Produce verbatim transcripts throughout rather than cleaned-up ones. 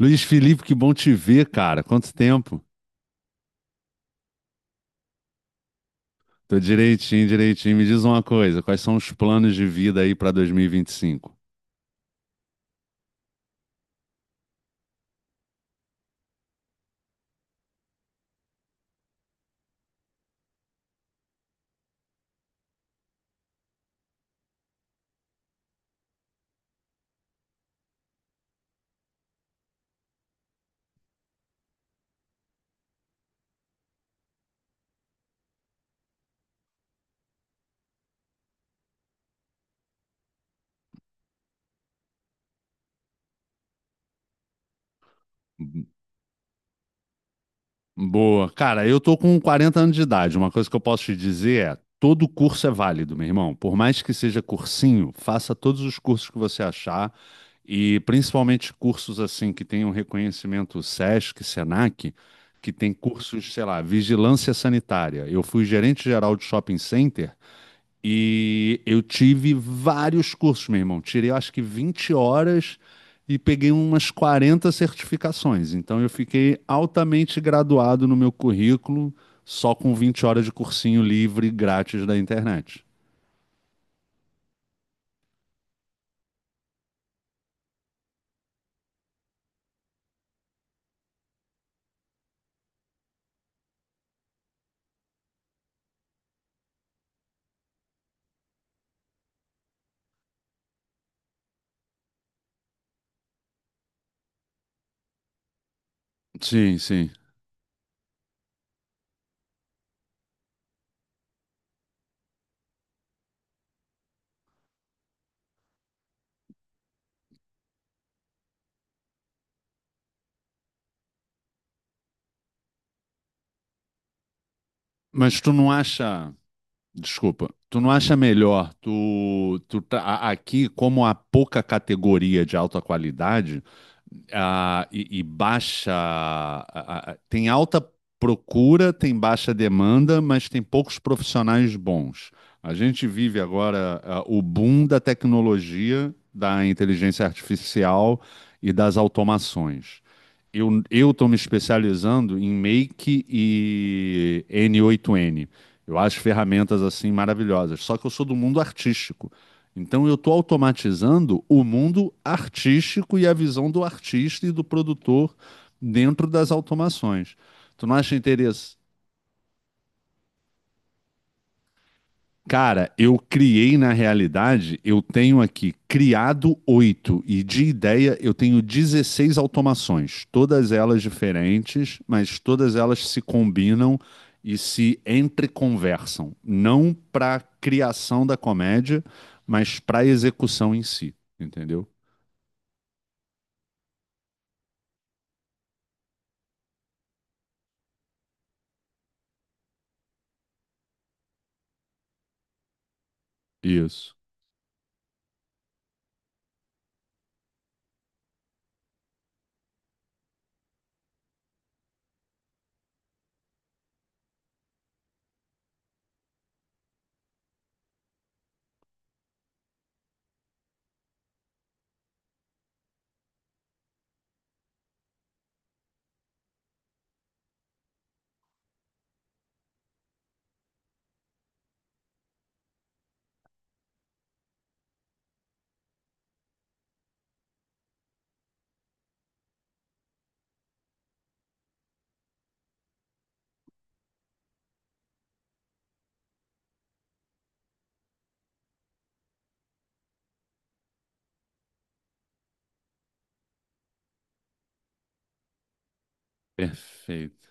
Luiz Felipe, que bom te ver, cara. Quanto tempo? Tô direitinho, direitinho. Me diz uma coisa, quais são os planos de vida aí para dois mil e vinte e cinco? B- Boa. Cara, eu tô com quarenta anos de idade. Uma coisa que eu posso te dizer é, todo curso é válido, meu irmão. Por mais que seja cursinho, faça todos os cursos que você achar e principalmente cursos assim que tenham reconhecimento SESC, SENAC, que tem cursos, sei lá, vigilância sanitária. Eu fui gerente geral de shopping center. E eu tive vários cursos, meu irmão. Tirei, eu acho que vinte horas e peguei umas quarenta certificações. Então, eu fiquei altamente graduado no meu currículo, só com vinte horas de cursinho livre grátis da internet. Sim, sim. Mas tu não acha. Desculpa, tu não acha melhor tu, tu tá- a- aqui, como há pouca categoria de alta qualidade, ah, e, e baixa. a- tem alta procura, tem baixa demanda, mas tem poucos profissionais bons. A gente vive agora, ah, o boom da tecnologia, da inteligência artificial e das automações. Eu, eu estou me especializando em Make e N oito N. Eu acho ferramentas assim maravilhosas. Só que eu sou do mundo artístico. Então eu estou automatizando o mundo artístico e a visão do artista e do produtor dentro das automações. Tu não acha interesse? Cara, eu criei na realidade, eu tenho aqui criado oito e de ideia eu tenho dezesseis automações, todas elas diferentes, mas todas elas se combinam e se entreconversam, não para criação da comédia, mas para execução em si, entendeu? Isso. Perfeito.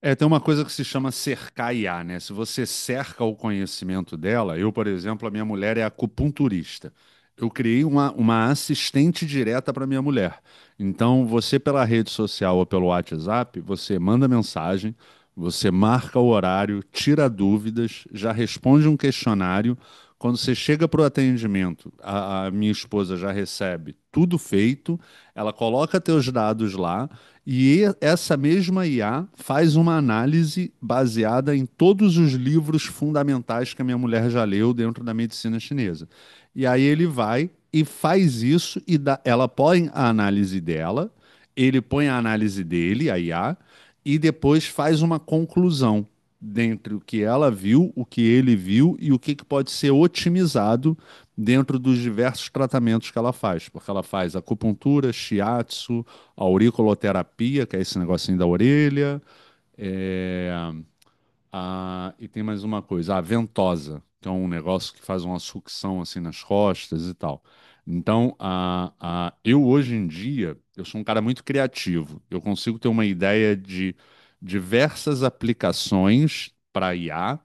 É, tem uma coisa que se chama cercar I A, né? Se você cerca o conhecimento dela, eu, por exemplo, a minha mulher é acupunturista. Eu criei uma, uma assistente direta para minha mulher. Então, você pela rede social ou pelo WhatsApp, você manda mensagem, você marca o horário, tira dúvidas, já responde um questionário. Quando você chega para o atendimento, a a minha esposa já recebe tudo feito, ela coloca teus dados lá. E essa mesma I A faz uma análise baseada em todos os livros fundamentais que a minha mulher já leu dentro da medicina chinesa. E aí ele vai e faz isso e dá- ela põe a análise dela, ele põe a análise dele, a I A, e depois faz uma conclusão dentre o que ela viu, o que ele viu e o que que pode ser otimizado dentro dos diversos tratamentos que ela faz, porque ela faz acupuntura, shiatsu, auriculoterapia, que é esse negocinho da orelha, é, a, e tem mais uma coisa, a ventosa, que é um negócio que faz uma sucção assim nas costas e tal. Então, a, a, eu hoje em dia, eu sou um cara muito criativo. Eu consigo ter uma ideia de diversas aplicações para IA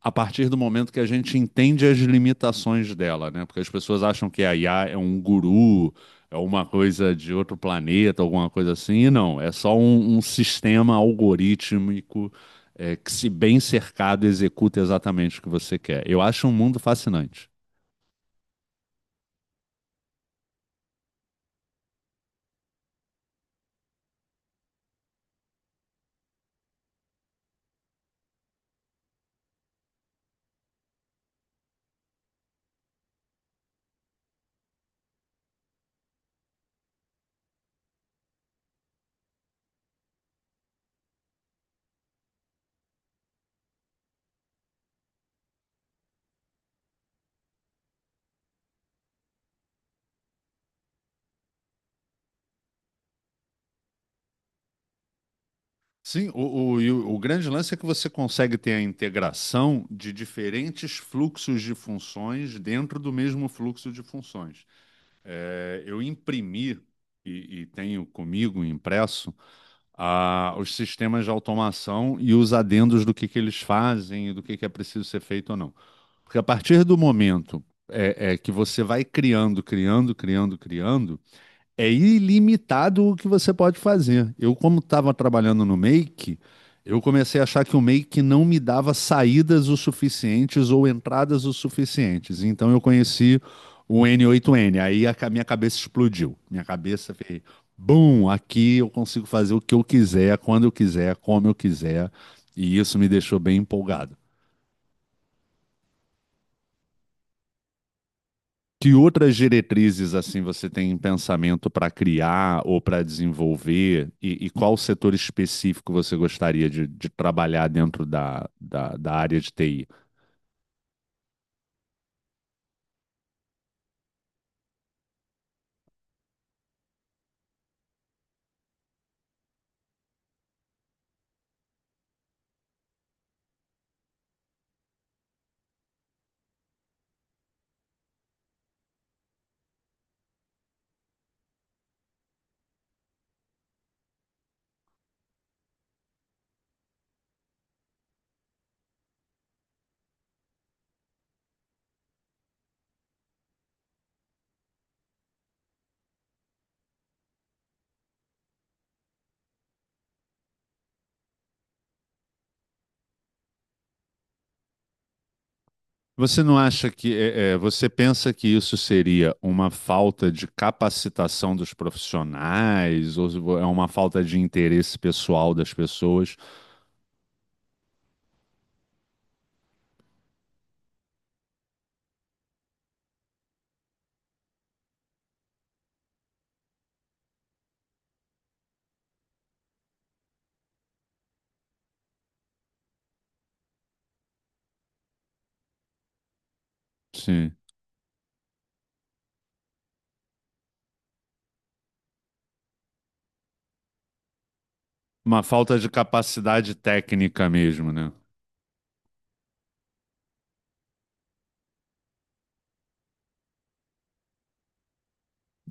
a partir do momento que a gente entende as limitações dela, né? Porque as pessoas acham que a I A é um guru, é uma coisa de outro planeta, alguma coisa assim, e não, é só um, um sistema algorítmico é, que, se bem cercado, executa exatamente o que você quer. Eu acho um mundo fascinante. Sim, o, o, e o- o grande lance é que você consegue ter a integração de diferentes fluxos de funções dentro do mesmo fluxo de funções. É, eu imprimi e, e tenho comigo impresso ah, os sistemas de automação e os adendos do que, que eles fazem e do que, que é preciso ser feito ou não. Porque a partir do momento é, é, que você vai criando, criando, criando, criando, é ilimitado o que você pode fazer. Eu, como estava trabalhando no Make, eu comecei a achar que o Make não me dava saídas o suficientes ou entradas o suficientes. Então eu conheci o N oito N. Aí a ca- minha cabeça explodiu. Minha cabeça fez, bum, aqui eu consigo fazer o que eu quiser, quando eu quiser, como eu quiser. E isso me deixou bem empolgado. Que outras diretrizes assim você tem em pensamento para criar ou para desenvolver? E, e qual setor específico você gostaria de, de trabalhar dentro da, da, da área de T I? Você não acha que é, é, você pensa que isso seria uma falta de capacitação dos profissionais ou é uma falta de interesse pessoal das pessoas? Sim. Uma falta de capacidade técnica mesmo, né?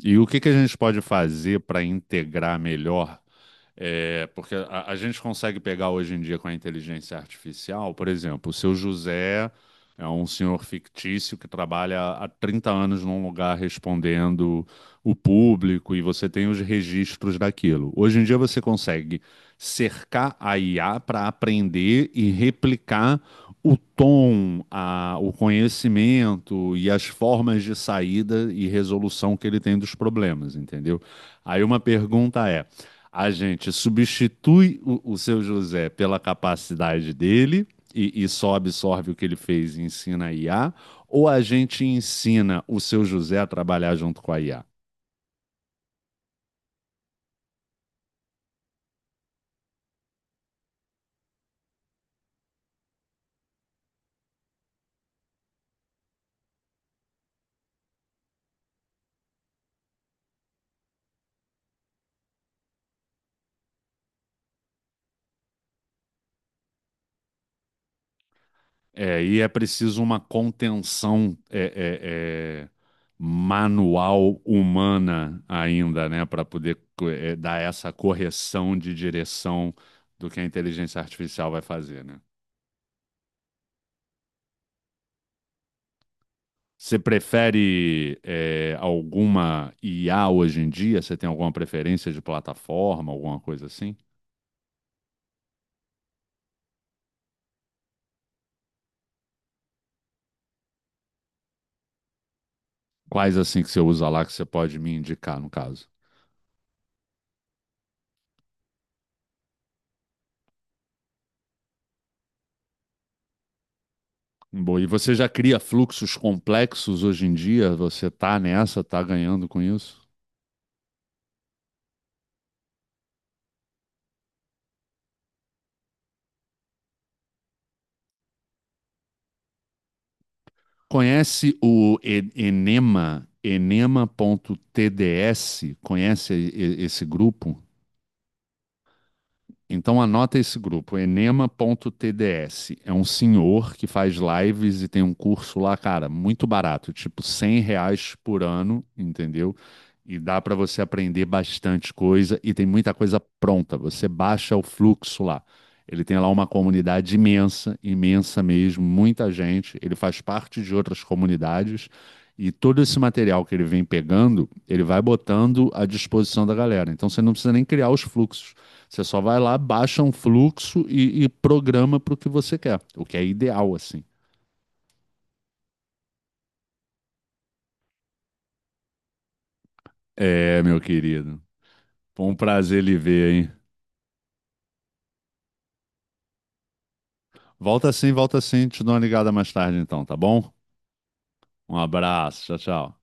E o que que a gente pode fazer para integrar melhor. É, porque a, a gente consegue pegar hoje em dia com a inteligência artificial, por exemplo, o seu José é um senhor fictício que trabalha há trinta anos num lugar respondendo o público e você tem os registros daquilo. Hoje em dia você consegue cercar a I A para aprender e replicar o tom, a- o conhecimento e as formas de saída e resolução que ele tem dos problemas, entendeu? Aí uma pergunta é. A gente substitui o, o seu José pela capacidade dele e, e só absorve o que ele fez e ensina a I A, ou a gente ensina o seu José a trabalhar junto com a I A? É, e é preciso uma contenção é, é, é, manual humana ainda, né, para poder co- é, dar essa correção de direção do que a inteligência artificial vai fazer, né? Você prefere é, alguma I A hoje em dia? Você tem alguma preferência de plataforma, alguma coisa assim? Quais assim que você usa lá que você pode me indicar, no caso? Bom, e você já cria fluxos complexos hoje em dia? Você tá nessa, tá ganhando com isso? Conhece o E- Enema, enema ponto enema ponto t d s? Conhece e- e- esse grupo? Então anota esse grupo, enema ponto t d s. É um senhor que faz lives e tem um curso lá, cara, muito barato, tipo cem reais por ano, entendeu? E dá para você aprender bastante coisa e tem muita coisa pronta. Você baixa o fluxo lá. Ele tem lá uma comunidade imensa, imensa mesmo, muita gente. Ele faz parte de outras comunidades e todo esse material que ele vem pegando, ele vai botando à disposição da galera. Então você não precisa nem criar os fluxos. Você só vai lá, baixa um fluxo e, e programa para o que você quer, o que é ideal, assim. É, meu querido. Foi um prazer lhe ver, hein? Volta sim, volta sim. Te dou uma ligada mais tarde, então, tá bom? Um abraço. Tchau, tchau.